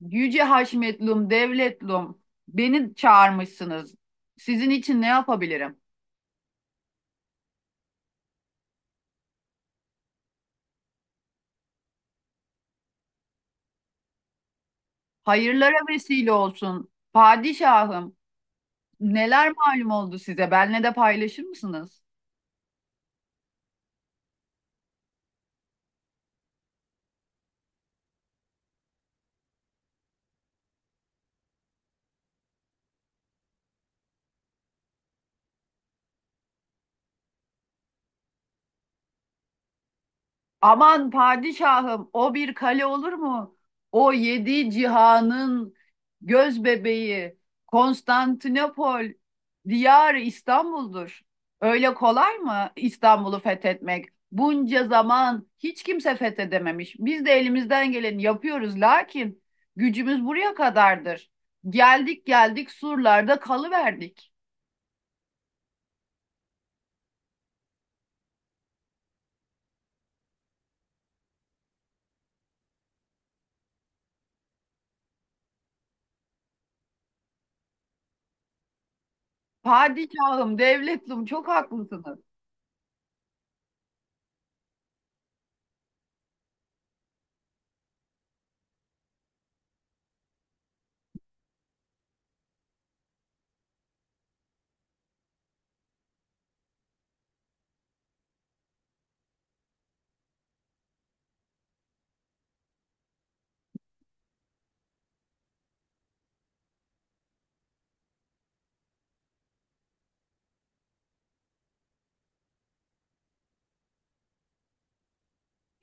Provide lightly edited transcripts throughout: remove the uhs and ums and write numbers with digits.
Yüce Haşmetlum, Devletlum, beni çağırmışsınız. Sizin için ne yapabilirim? Hayırlara vesile olsun. Padişahım, neler malum oldu size? Benle de paylaşır mısınız? Aman padişahım o bir kale olur mu? O yedi cihanın göz bebeği Konstantinopol, diyar İstanbul'dur. Öyle kolay mı İstanbul'u fethetmek? Bunca zaman hiç kimse fethedememiş. Biz de elimizden geleni yapıyoruz lakin gücümüz buraya kadardır. Geldik geldik surlarda kalıverdik. Padişahım, devletlum çok haklısınız.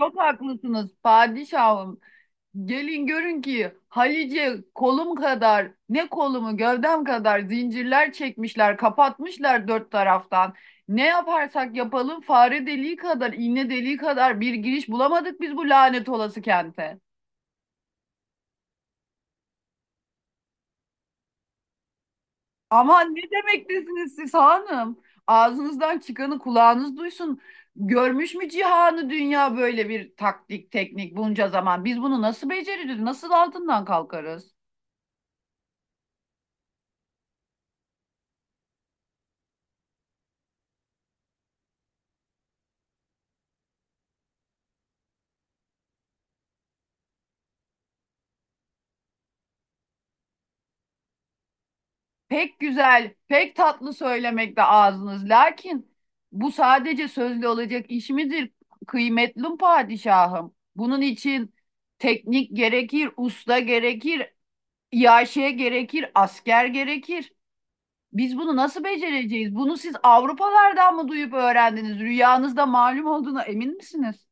Çok haklısınız padişahım. Gelin görün ki Halice kolum kadar ne kolumu gövdem kadar zincirler çekmişler kapatmışlar dört taraftan. Ne yaparsak yapalım fare deliği kadar iğne deliği kadar bir giriş bulamadık biz bu lanet olası kente. Aman ne demektesiniz siz hanım? Ağzınızdan çıkanı kulağınız duysun. Görmüş mü cihanı dünya böyle bir taktik teknik bunca zaman? Biz bunu nasıl beceririz? Nasıl altından kalkarız? Pek güzel, pek tatlı söylemekte ağzınız. Lakin bu sadece sözlü olacak iş midir? Kıymetli padişahım. Bunun için teknik gerekir, usta gerekir, iaşe gerekir, asker gerekir. Biz bunu nasıl becereceğiz? Bunu siz Avrupalardan mı duyup öğrendiniz? Rüyanızda malum olduğuna emin misiniz?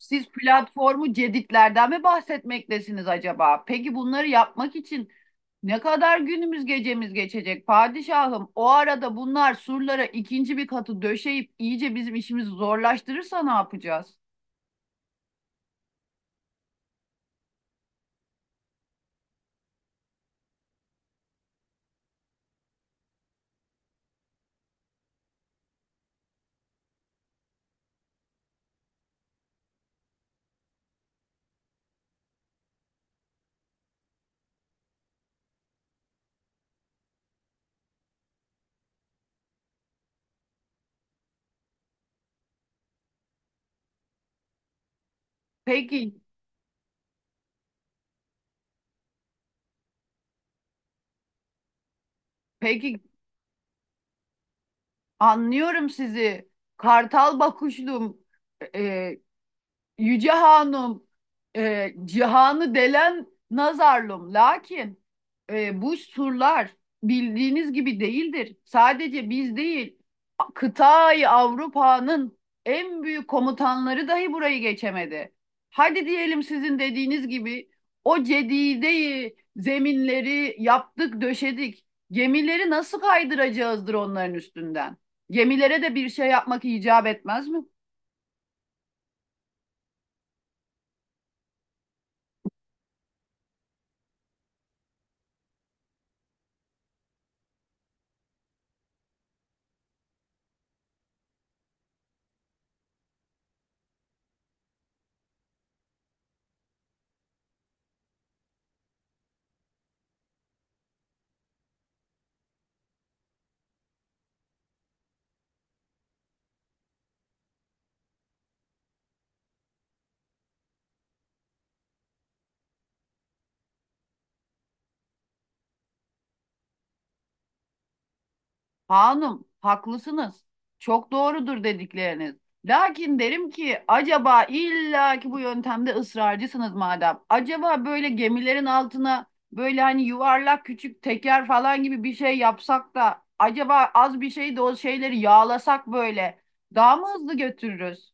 Siz platformu ceditlerden mi bahsetmektesiniz acaba? Peki bunları yapmak için ne kadar günümüz gecemiz geçecek padişahım? O arada bunlar surlara ikinci bir katı döşeyip iyice bizim işimizi zorlaştırırsa ne yapacağız? Peki, peki, anlıyorum sizi. Kartal bakışlım, e, Yüce Hanım, cihanı delen nazarlım. Lakin bu surlar bildiğiniz gibi değildir. Sadece biz değil, kıtayı Avrupa'nın en büyük komutanları dahi burayı geçemedi. Hadi diyelim sizin dediğiniz gibi o cedideyi, zeminleri yaptık, döşedik. Gemileri nasıl kaydıracağızdır onların üstünden? Gemilere de bir şey yapmak icap etmez mi? Hanım, haklısınız. Çok doğrudur dedikleriniz. Lakin derim ki acaba illa ki bu yöntemde ısrarcısınız madem. Acaba böyle gemilerin altına böyle hani yuvarlak küçük teker falan gibi bir şey yapsak da acaba az bir şey de o şeyleri yağlasak böyle daha mı hızlı götürürüz?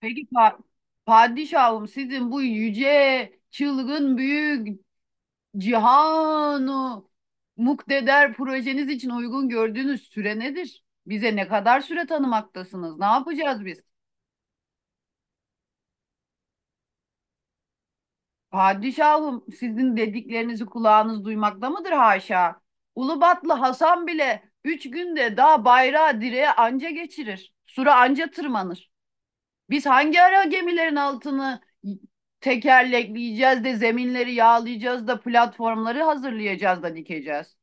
Peki pa- padişahım sizin bu yüce, çılgın, büyük Cihanu Mukdeder projeniz için uygun gördüğünüz süre nedir? Bize ne kadar süre tanımaktasınız? Ne yapacağız biz? Padişahım, sizin dediklerinizi kulağınız duymakta mıdır haşa? Ulubatlı Hasan bile 3 günde daha bayrağı direğe anca geçirir. Sura anca tırmanır. Biz hangi ara gemilerin altını tekerlekleyeceğiz de zeminleri yağlayacağız da platformları hazırlayacağız da dikeceğiz?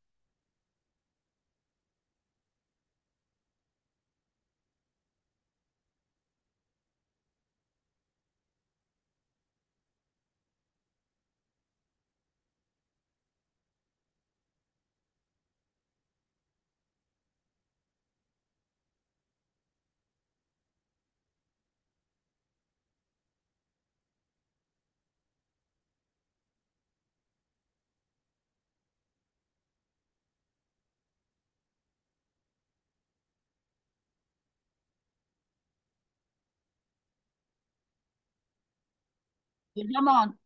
Ne zaman?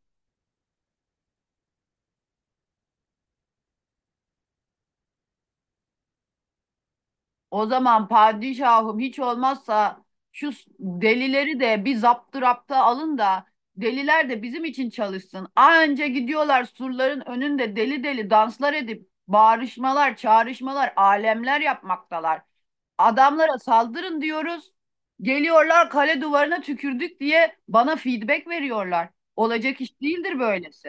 O zaman padişahım hiç olmazsa şu delileri de bir zaptırapta alın da deliler de bizim için çalışsın. Anca gidiyorlar surların önünde deli deli danslar edip bağrışmalar, çağrışmalar, alemler yapmaktalar. Adamlara saldırın diyoruz. Geliyorlar kale duvarına tükürdük diye bana feedback veriyorlar. Olacak iş değildir böylesi.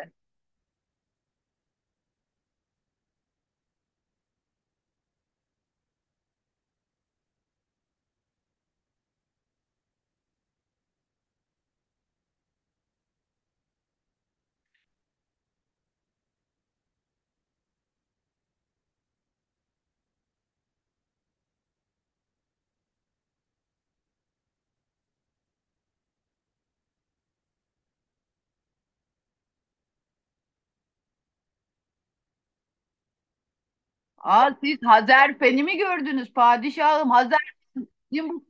Aa, siz Hazerfen'i mi gördünüz padişahım? Hazerfen'in bu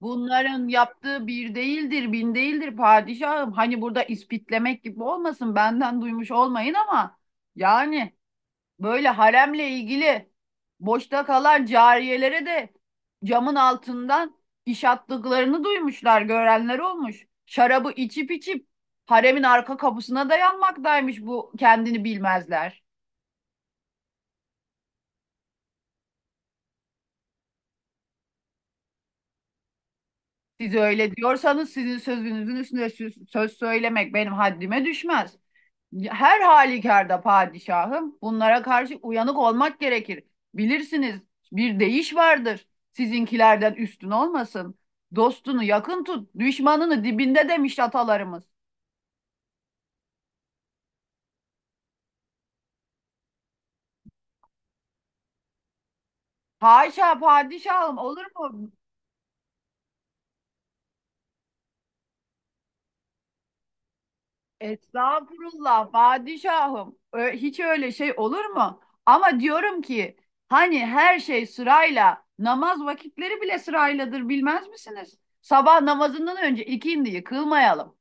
bunların yaptığı bir değildir, bin değildir padişahım. Hani burada ispitlemek gibi olmasın, benden duymuş olmayın ama yani böyle haremle ilgili boşta kalan cariyelere de camın altından iş attıklarını duymuşlar, görenler olmuş. Şarabı içip içip haremin arka kapısına dayanmaktaymış bu kendini bilmezler. Siz öyle diyorsanız sizin sözünüzün üstüne söz söylemek benim haddime düşmez. Her halükarda padişahım bunlara karşı uyanık olmak gerekir. Bilirsiniz bir deyiş vardır. Sizinkilerden üstün olmasın. Dostunu yakın tut, düşmanını dibinde demiş atalarımız. Haşa padişahım olur mu? Estağfurullah padişahım. Hiç öyle şey olur mu? Ama diyorum ki hani her şey sırayla namaz vakitleri bile sırayladır bilmez misiniz? Sabah namazından önce ikindi yıkılmayalım.